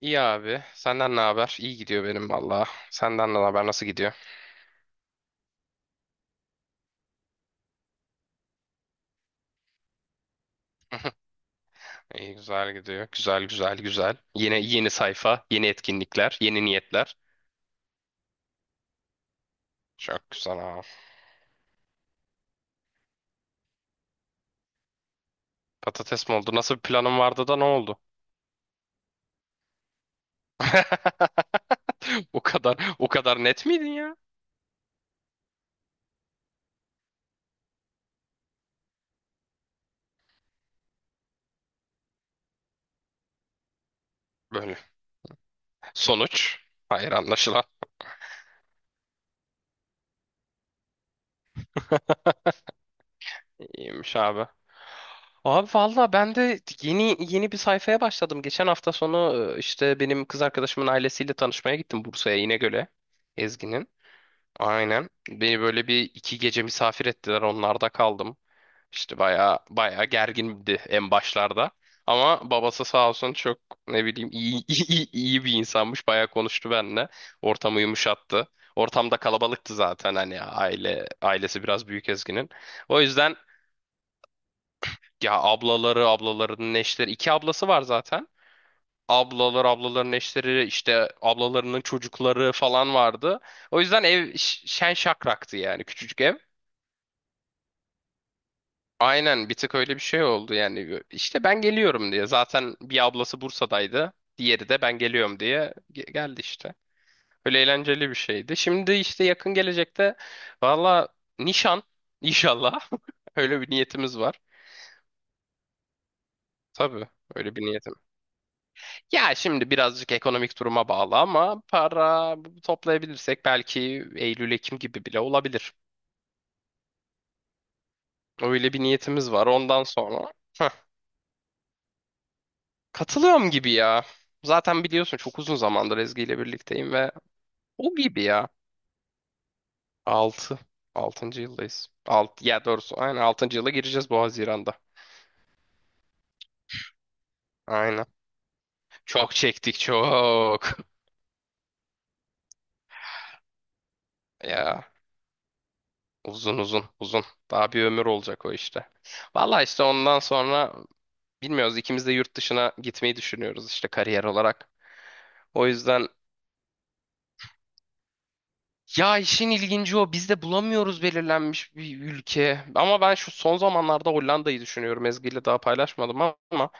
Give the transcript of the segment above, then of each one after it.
İyi abi. Senden ne haber? İyi gidiyor benim valla. Senden ne haber? Nasıl gidiyor? İyi güzel gidiyor. Güzel güzel güzel. Yeni yeni sayfa, yeni etkinlikler, yeni niyetler. Çok güzel abi. Patates mi oldu? Nasıl bir planın vardı da ne oldu? O kadar o kadar net miydin ya? Böyle. Sonuç. Hayır anlaşılan. İyiymiş abi. Abi valla ben de yeni yeni bir sayfaya başladım. Geçen hafta sonu işte benim kız arkadaşımın ailesiyle tanışmaya gittim Bursa'ya İnegöl'e. Ezgi'nin. Aynen. Beni böyle bir iki gece misafir ettiler. Onlarda kaldım. İşte bayağı bayağı gergindi en başlarda. Ama babası sağ olsun çok ne bileyim iyi, iyi bir insanmış. Bayağı konuştu benimle. Ortamı yumuşattı. Ortamda kalabalıktı zaten hani ailesi biraz büyük Ezgi'nin. O yüzden ya ablaları, ablalarının eşleri, iki ablası var zaten. Ablalar, ablaların eşleri, işte ablalarının çocukları falan vardı. O yüzden ev şen şakraktı yani küçücük ev. Aynen bir tık öyle bir şey oldu yani işte ben geliyorum diye zaten bir ablası Bursa'daydı diğeri de ben geliyorum diye geldi işte öyle eğlenceli bir şeydi. Şimdi işte yakın gelecekte valla nişan inşallah öyle bir niyetimiz var. Tabii öyle bir niyetim. Ya şimdi birazcık ekonomik duruma bağlı ama para toplayabilirsek belki Eylül Ekim gibi bile olabilir. Öyle bir niyetimiz var ondan sonra. Katılıyorum gibi ya. Zaten biliyorsun çok uzun zamandır Ezgi ile birlikteyim ve o gibi ya. Altı. 6. yıldayız. Ya doğrusu aynen 6. yıla gireceğiz bu Haziran'da. Aynen. Çok çektik çok. Ya uzun uzun uzun. Daha bir ömür olacak o işte. Valla işte ondan sonra bilmiyoruz, ikimiz de yurt dışına gitmeyi düşünüyoruz işte kariyer olarak. O yüzden ya işin ilginci o. Biz de bulamıyoruz belirlenmiş bir ülke. Ama ben şu son zamanlarda Hollanda'yı düşünüyorum. Ezgi ile daha paylaşmadım ama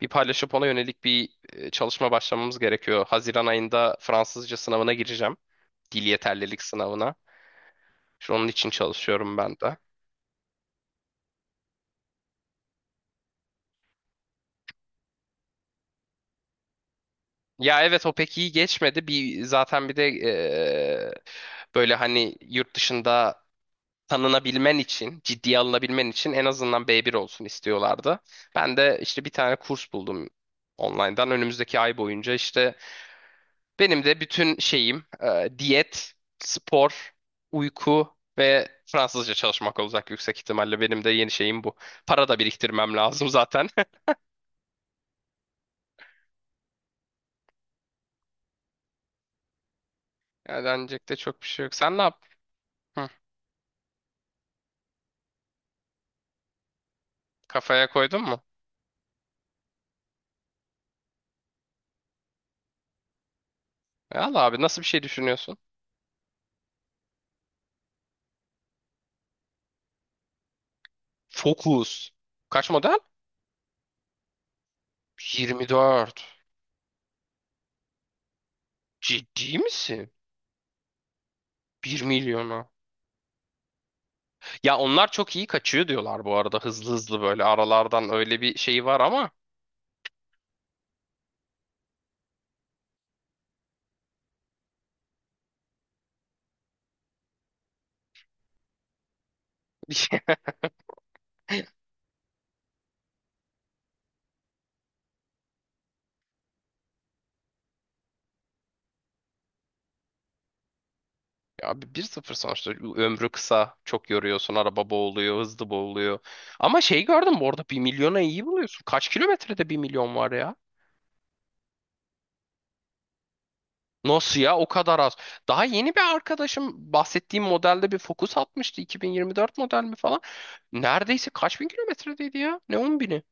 bir paylaşıp ona yönelik bir çalışma başlamamız gerekiyor. Haziran ayında Fransızca sınavına gireceğim. Dil yeterlilik sınavına. Şu onun için çalışıyorum ben de. Ya evet o pek iyi geçmedi. Bir zaten bir de böyle hani yurt dışında tanınabilmen için, ciddiye alınabilmen için en azından B1 olsun istiyorlardı. Ben de işte bir tane kurs buldum online'dan. Önümüzdeki ay boyunca işte benim de bütün şeyim diyet, spor, uyku ve Fransızca çalışmak olacak yüksek ihtimalle. Benim de yeni şeyim bu. Para da biriktirmem lazım zaten. Yani denecek de çok bir şey yok. Sen ne yap? Hı, kafaya koydun mu? E, al abi, nasıl bir şey düşünüyorsun? Focus. Kaç model? 24. Ciddi misin? Bir milyonu. Ya onlar çok iyi kaçıyor diyorlar bu arada. Hızlı hızlı böyle aralardan öyle bir şey var ama. Abi 1-0 sonuçta ömrü kısa. Çok yoruyorsun. Araba boğuluyor. Hızlı boğuluyor. Ama şey gördüm bu arada 1 milyona iyi buluyorsun. Kaç kilometrede bir milyon var ya? Nasıl ya? O kadar az. Daha yeni bir arkadaşım bahsettiğim modelde bir Focus atmıştı. 2024 model mi falan. Neredeyse kaç bin kilometredeydi ya? Ne 10 bini?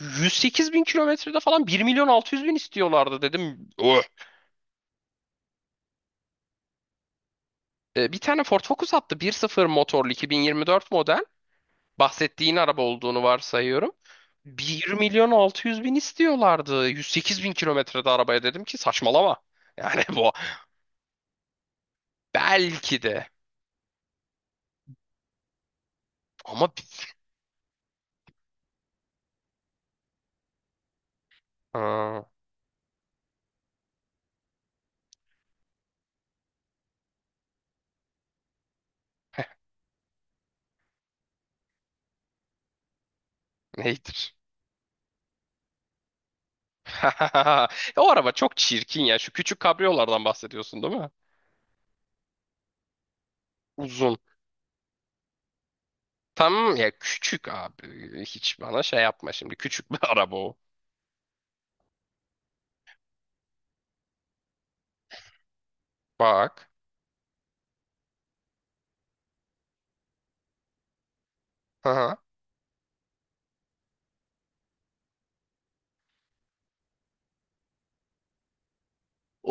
108 bin kilometrede falan bir milyon 600 bin istiyorlardı dedim. E, bir tane Ford Focus attı. Bir sıfır motorlu 2024 model. Bahsettiğin araba olduğunu varsayıyorum. Bir milyon 600 bin istiyorlardı. 108 bin kilometrede arabaya dedim ki saçmalama. Yani bu belki de ama aa, neydir? O araba çok çirkin ya. Şu küçük kabriyolardan bahsediyorsun değil mi? Uzun. Tamam ya küçük abi. Hiç bana şey yapma şimdi. Küçük bir araba o. Bak.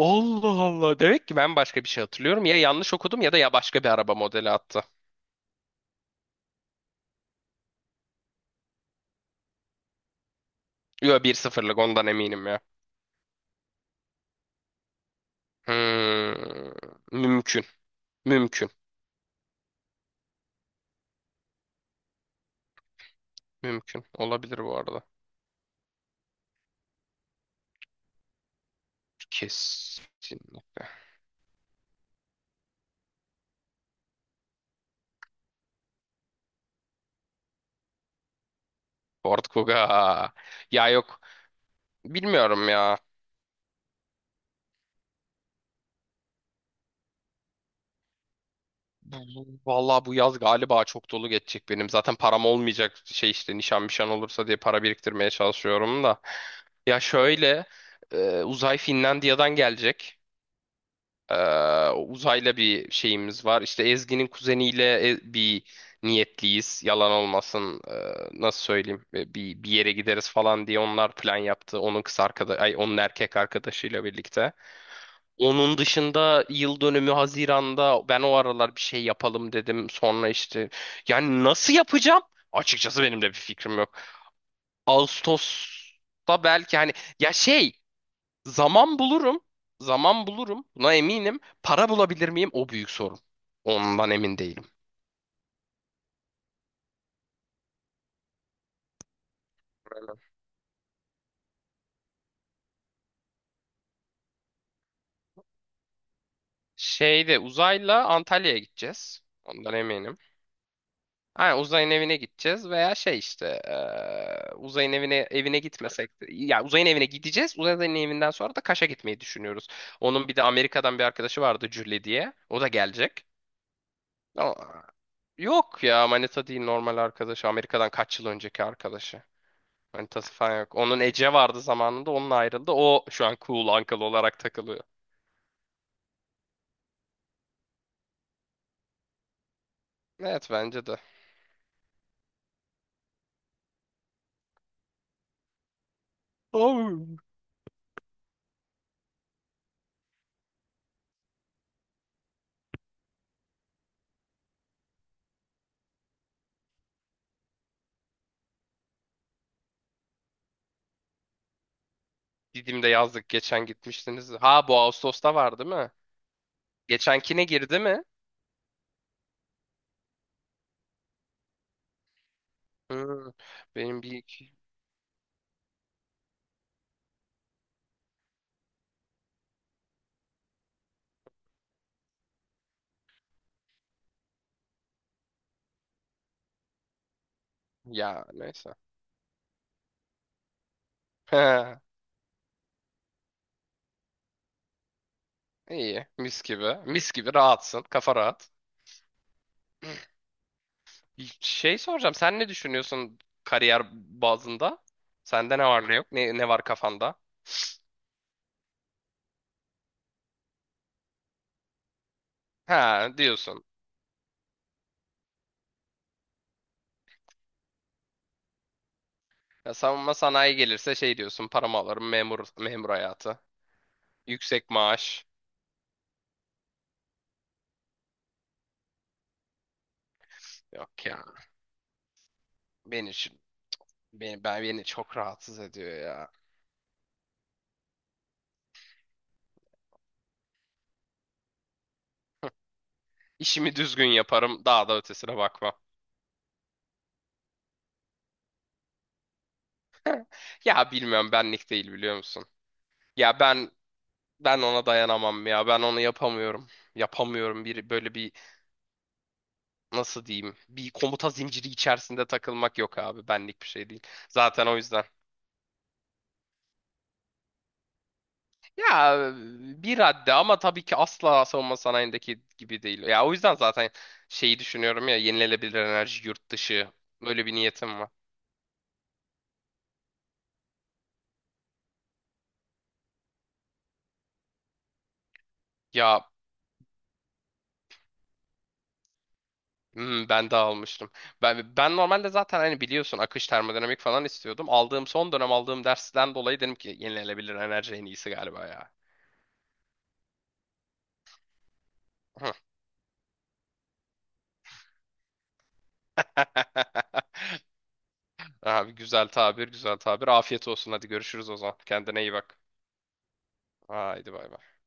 Allah Allah. Demek ki ben başka bir şey hatırlıyorum. Ya yanlış okudum ya da ya başka bir araba modeli attı. Yo bir 0lık ondan eminim ya. Hmm, mümkün. Mümkün. Mümkün. Olabilir bu arada. Kesinlikle. Ford Kuga. Ya yok. Bilmiyorum ya. Vallahi bu yaz galiba çok dolu geçecek benim. Zaten param olmayacak, şey işte nişan olursa diye para biriktirmeye çalışıyorum da. Ya şöyle uzay Finlandiya'dan gelecek. Uzayla bir şeyimiz var. İşte Ezgi'nin kuzeniyle bir niyetliyiz. Yalan olmasın. Nasıl söyleyeyim? Bir yere gideriz falan diye onlar plan yaptı. Onun ay onun erkek arkadaşıyla birlikte. Onun dışında yıl dönümü Haziran'da, ben o aralar bir şey yapalım dedim. Sonra işte yani nasıl yapacağım? Açıkçası benim de bir fikrim yok. Ağustos'ta belki hani ya şey. Zaman bulurum. Zaman bulurum. Buna eminim. Para bulabilir miyim? O büyük sorun. Ondan emin değilim. Aynen. Şeyde uzayla Antalya'ya gideceğiz. Ondan eminim. Ha, uzayın evine gideceğiz veya şey işte uzayın evine gitmesek de, ya uzayın evine gideceğiz. Uzayın evinden sonra da Kaş'a gitmeyi düşünüyoruz. Onun bir de Amerika'dan bir arkadaşı vardı Julie diye. O da gelecek. Ama- yok ya, Manita değil, normal arkadaşı. Amerika'dan kaç yıl önceki arkadaşı. Manitası falan yok. Onun Ece vardı zamanında, onun ayrıldı. O şu an cool uncle olarak takılıyor. Evet bence de. Oğlum. Didim'de yazdık geçen gitmiştiniz. Ha, bu Ağustos'ta var değil mi? Geçenkine girdi mi? Hmm, benim bir iki... Ya neyse. İyi mis gibi. Mis gibi rahatsın. Kafa rahat. Şey soracağım, sen ne düşünüyorsun kariyer bazında? Sende ne var ne yok? Ne var kafanda? Ha diyorsun. Ya savunma sanayi gelirse şey diyorsun, paramı alırım, memur memur hayatı. Yüksek maaş. Yok ya. Beni şu- beni çok rahatsız ediyor ya. İşimi düzgün yaparım. Daha da ötesine bakmam. Ya bilmiyorum, benlik değil biliyor musun? Ya ben ben ona dayanamam ya. Ben onu yapamıyorum. Yapamıyorum. Bir böyle bir nasıl diyeyim? Bir komuta zinciri içerisinde takılmak yok abi. Benlik bir şey değil. Zaten o yüzden ya bir haddi ama tabii ki asla savunma sanayindeki gibi değil. Ya o yüzden zaten şeyi düşünüyorum, ya yenilenebilir enerji yurt dışı, böyle bir niyetim var. Ya hmm, ben de almıştım. Ben normalde zaten hani biliyorsun akış termodinamik falan istiyordum. Son dönem aldığım dersten dolayı dedim ki yenilenebilir enerji en iyisi galiba ya. Hı. Abi güzel tabir, güzel tabir. Afiyet olsun. Hadi görüşürüz o zaman. Kendine iyi bak. Haydi bay bay.